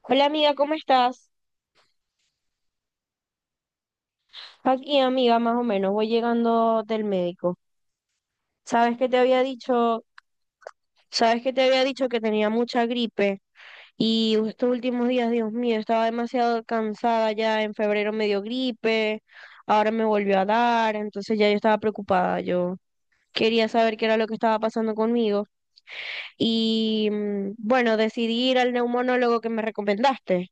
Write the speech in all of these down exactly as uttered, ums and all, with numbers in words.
Hola amiga, ¿cómo estás? Aquí amiga, más o menos, voy llegando del médico. ¿Sabes que te había dicho? ¿Sabes que te había dicho que tenía mucha gripe? Y estos últimos días, Dios mío, estaba demasiado cansada ya. En febrero me dio gripe, ahora me volvió a dar, entonces ya yo estaba preocupada. Yo quería saber qué era lo que estaba pasando conmigo. Y mm, bueno, decidí ir al neumonólogo que me recomendaste.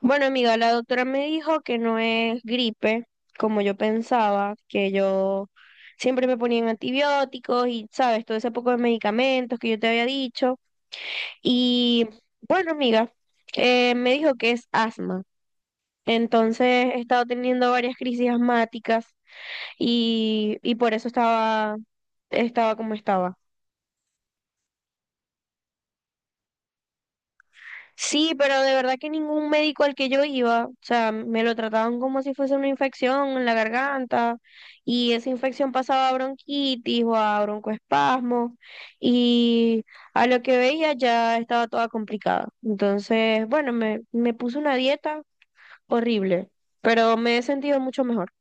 Bueno, amiga, la doctora me dijo que no es gripe, como yo pensaba, que yo siempre me ponían antibióticos y, sabes, todo ese poco de medicamentos que yo te había dicho. Y bueno, amiga, eh, me dijo que es asma. Entonces he estado teniendo varias crisis asmáticas y, y por eso estaba, estaba como estaba. Sí, pero de verdad que ningún médico al que yo iba, o sea, me lo trataban como si fuese una infección en la garganta y esa infección pasaba a bronquitis o a broncoespasmo y a lo que veía ya estaba toda complicada. Entonces, bueno, me, me puse una dieta horrible, pero me he sentido mucho mejor.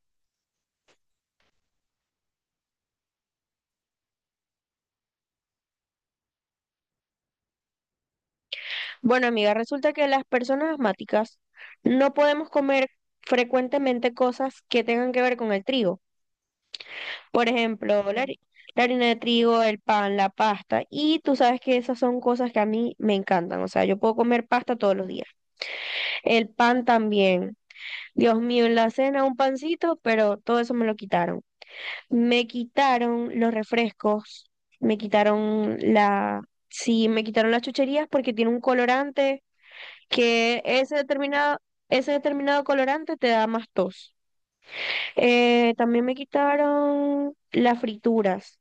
Bueno, amiga, resulta que las personas asmáticas no podemos comer frecuentemente cosas que tengan que ver con el trigo. Por ejemplo, la, hari- la harina de trigo, el pan, la pasta. Y tú sabes que esas son cosas que a mí me encantan. O sea, yo puedo comer pasta todos los días. El pan también. Dios mío, en la cena un pancito, pero todo eso me lo quitaron. Me quitaron los refrescos. Me quitaron la... Sí, me quitaron las chucherías porque tiene un colorante que ese determinado, ese determinado colorante te da más tos. Eh, también me quitaron las frituras.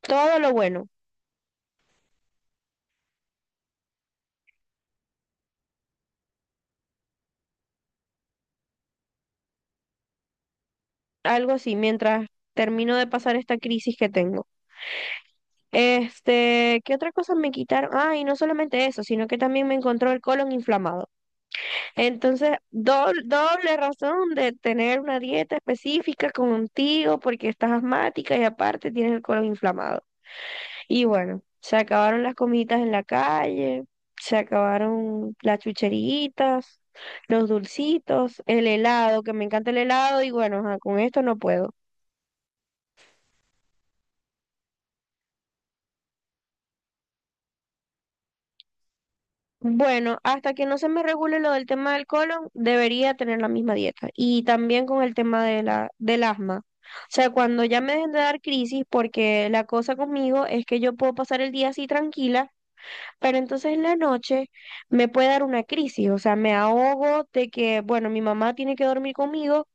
Todo lo bueno. Algo así, mientras termino de pasar esta crisis que tengo. Este, ¿qué otra cosa me quitaron? Ah, y no solamente eso, sino que también me encontró el colon inflamado. Entonces, doble, doble razón de tener una dieta específica contigo porque estás asmática y aparte tienes el colon inflamado. Y bueno, se acabaron las comiditas en la calle, se acabaron las chucheritas, los dulcitos, el helado, que me encanta el helado y bueno, ajá, con esto no puedo. Bueno, hasta que no se me regule lo del tema del colon, debería tener la misma dieta. Y también con el tema de la, del asma. O sea, cuando ya me dejen de dar crisis, porque la cosa conmigo es que yo puedo pasar el día así tranquila, pero entonces en la noche me puede dar una crisis. O sea, me ahogo de que, bueno, mi mamá tiene que dormir conmigo,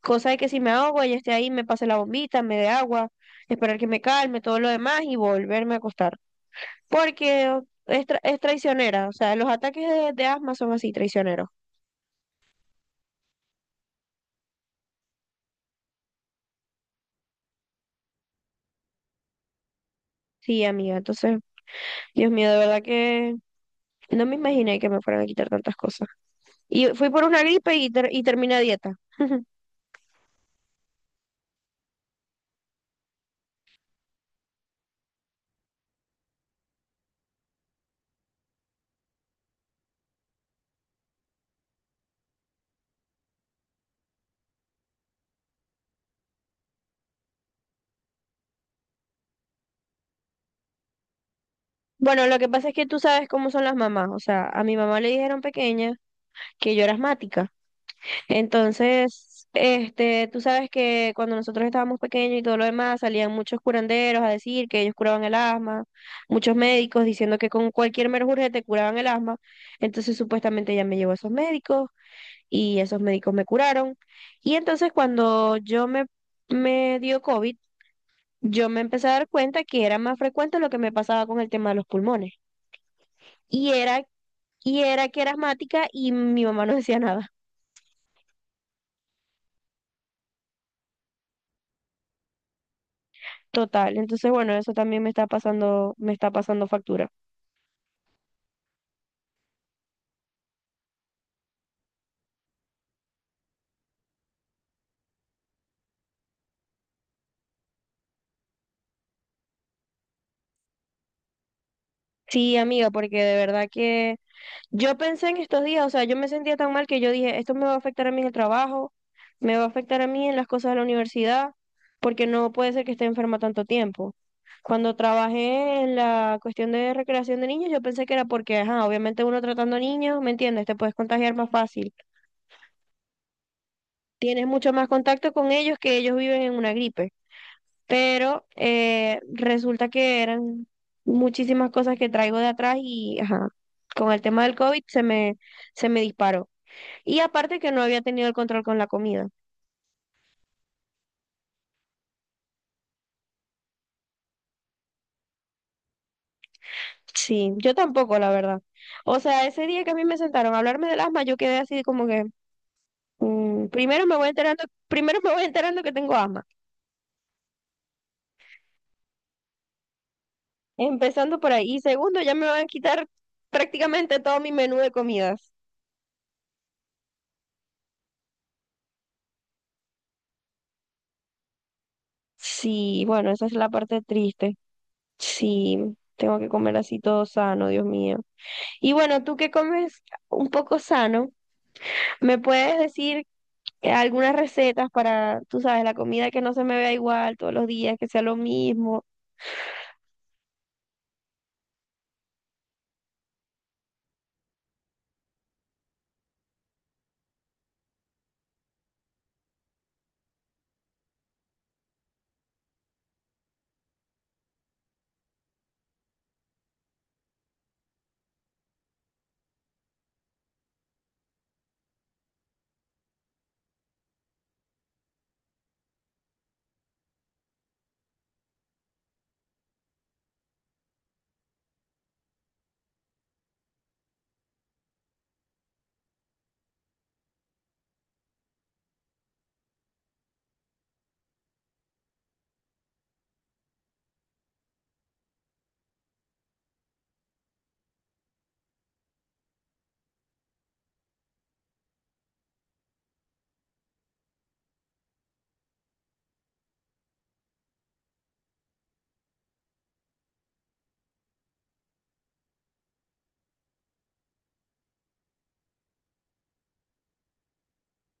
cosa de que si me ahogo, ella esté ahí, me pase la bombita, me dé agua, esperar que me calme, todo lo demás y volverme a acostar porque es, tra- es traicionera, o sea, los ataques de, de asma son así, traicioneros. Sí, amiga, entonces, Dios mío, de verdad que no me imaginé que me fueran a quitar tantas cosas. Y fui por una gripe y, ter- y terminé a dieta. Bueno, lo que pasa es que tú sabes cómo son las mamás, o sea, a mi mamá le dijeron pequeña que yo era asmática. Entonces, este, tú sabes que cuando nosotros estábamos pequeños y todo lo demás, salían muchos curanderos a decir que ellos curaban el asma, muchos médicos diciendo que con cualquier menjurje te curaban el asma. Entonces, supuestamente ella me llevó a esos médicos y esos médicos me curaron. Y entonces, cuando yo me, me dio COVID, yo me empecé a dar cuenta que era más frecuente lo que me pasaba con el tema de los pulmones. Y era, y era que era asmática y mi mamá no decía nada. Total, entonces bueno, eso también me está pasando, me está pasando factura. Sí, amiga, porque de verdad que yo pensé en estos días, o sea, yo me sentía tan mal que yo dije, esto me va a afectar a mí en el trabajo, me va a afectar a mí en las cosas de la universidad, porque no puede ser que esté enferma tanto tiempo. Cuando trabajé en la cuestión de recreación de niños, yo pensé que era porque, ajá, obviamente uno tratando niños, ¿me entiendes? Te puedes contagiar más fácil. Tienes mucho más contacto con ellos que ellos viven en una gripe. Pero eh, resulta que eran muchísimas cosas que traigo de atrás y ajá, con el tema del COVID se me, se me disparó. Y aparte que no había tenido el control con la comida. Sí, yo tampoco, la verdad. O sea, ese día que a mí me sentaron a hablarme del asma, yo quedé así como que, mm, primero me voy enterando, primero me voy enterando que tengo asma, empezando por ahí. Y segundo, ya me van a quitar prácticamente todo mi menú de comidas. Sí, bueno, esa es la parte triste. Sí, tengo que comer así todo sano, Dios mío. Y bueno, tú que comes un poco sano, ¿me puedes decir eh, algunas recetas para, tú sabes, la comida que no se me vea igual todos los días, que sea lo mismo?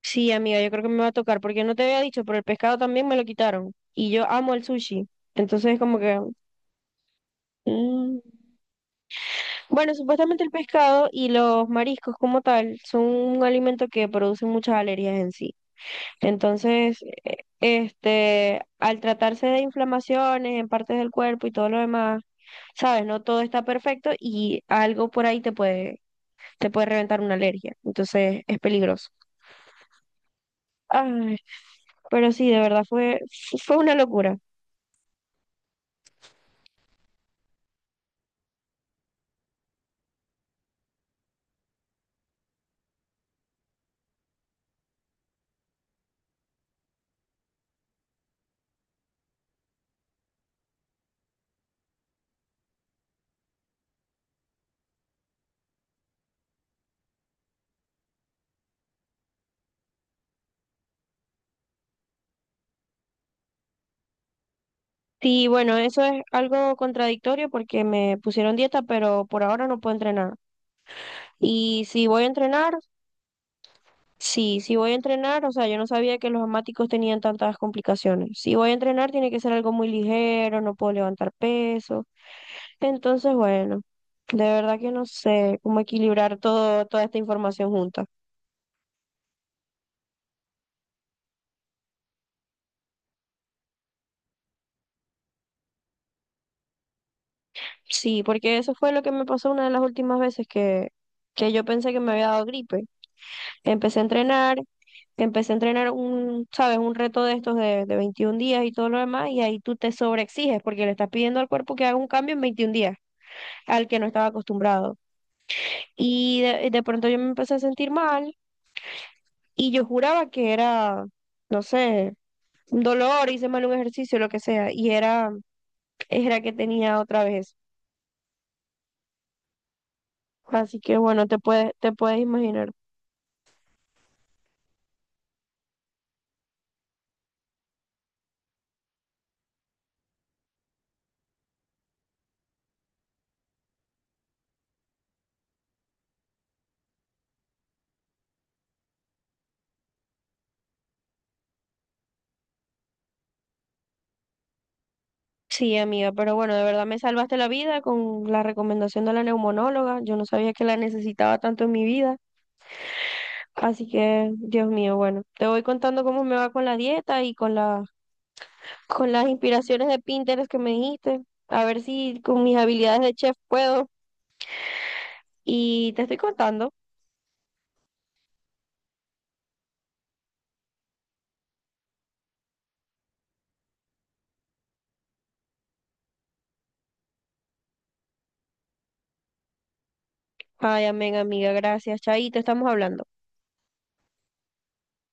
Sí, amiga, yo creo que me va a tocar, porque no te había dicho, pero el pescado también me lo quitaron. Y yo amo el sushi. Entonces, como que... mm. Bueno, supuestamente el pescado y los mariscos como tal son un alimento que produce muchas alergias en sí. Entonces, eh, este, al tratarse de inflamaciones en partes del cuerpo y todo lo demás, sabes, no todo está perfecto y algo por ahí te puede, te puede reventar una alergia. Entonces, es peligroso. Ay, pero sí, de verdad fue, fue una locura. Sí, bueno, eso es algo contradictorio porque me pusieron dieta, pero por ahora no puedo entrenar. Y si voy a entrenar, sí, si voy a entrenar, o sea, yo no sabía que los asmáticos tenían tantas complicaciones. Si voy a entrenar, tiene que ser algo muy ligero, no puedo levantar peso. Entonces, bueno, de verdad que no sé cómo equilibrar todo, toda esta información junta. Sí, porque eso fue lo que me pasó una de las últimas veces que, que yo pensé que me había dado gripe. Empecé a entrenar, Empecé a entrenar un, sabes, un reto de estos de, de veintiún días y todo lo demás, y ahí tú te sobreexiges porque le estás pidiendo al cuerpo que haga un cambio en veintiún días al que no estaba acostumbrado. Y de, de pronto yo me empecé a sentir mal y yo juraba que era, no sé, un dolor, hice mal un ejercicio, lo que sea, y era, era que tenía otra vez. Así que bueno, te puedes, te puedes imaginar. Sí, amiga, pero bueno, de verdad me salvaste la vida con la recomendación de la neumonóloga. Yo no sabía que la necesitaba tanto en mi vida. Así que, Dios mío, bueno, te voy contando cómo me va con la dieta y con la, con las inspiraciones de Pinterest que me dijiste. A ver si con mis habilidades de chef puedo. Y te estoy contando. Ay, amén, amiga, gracias. Chaito, estamos hablando.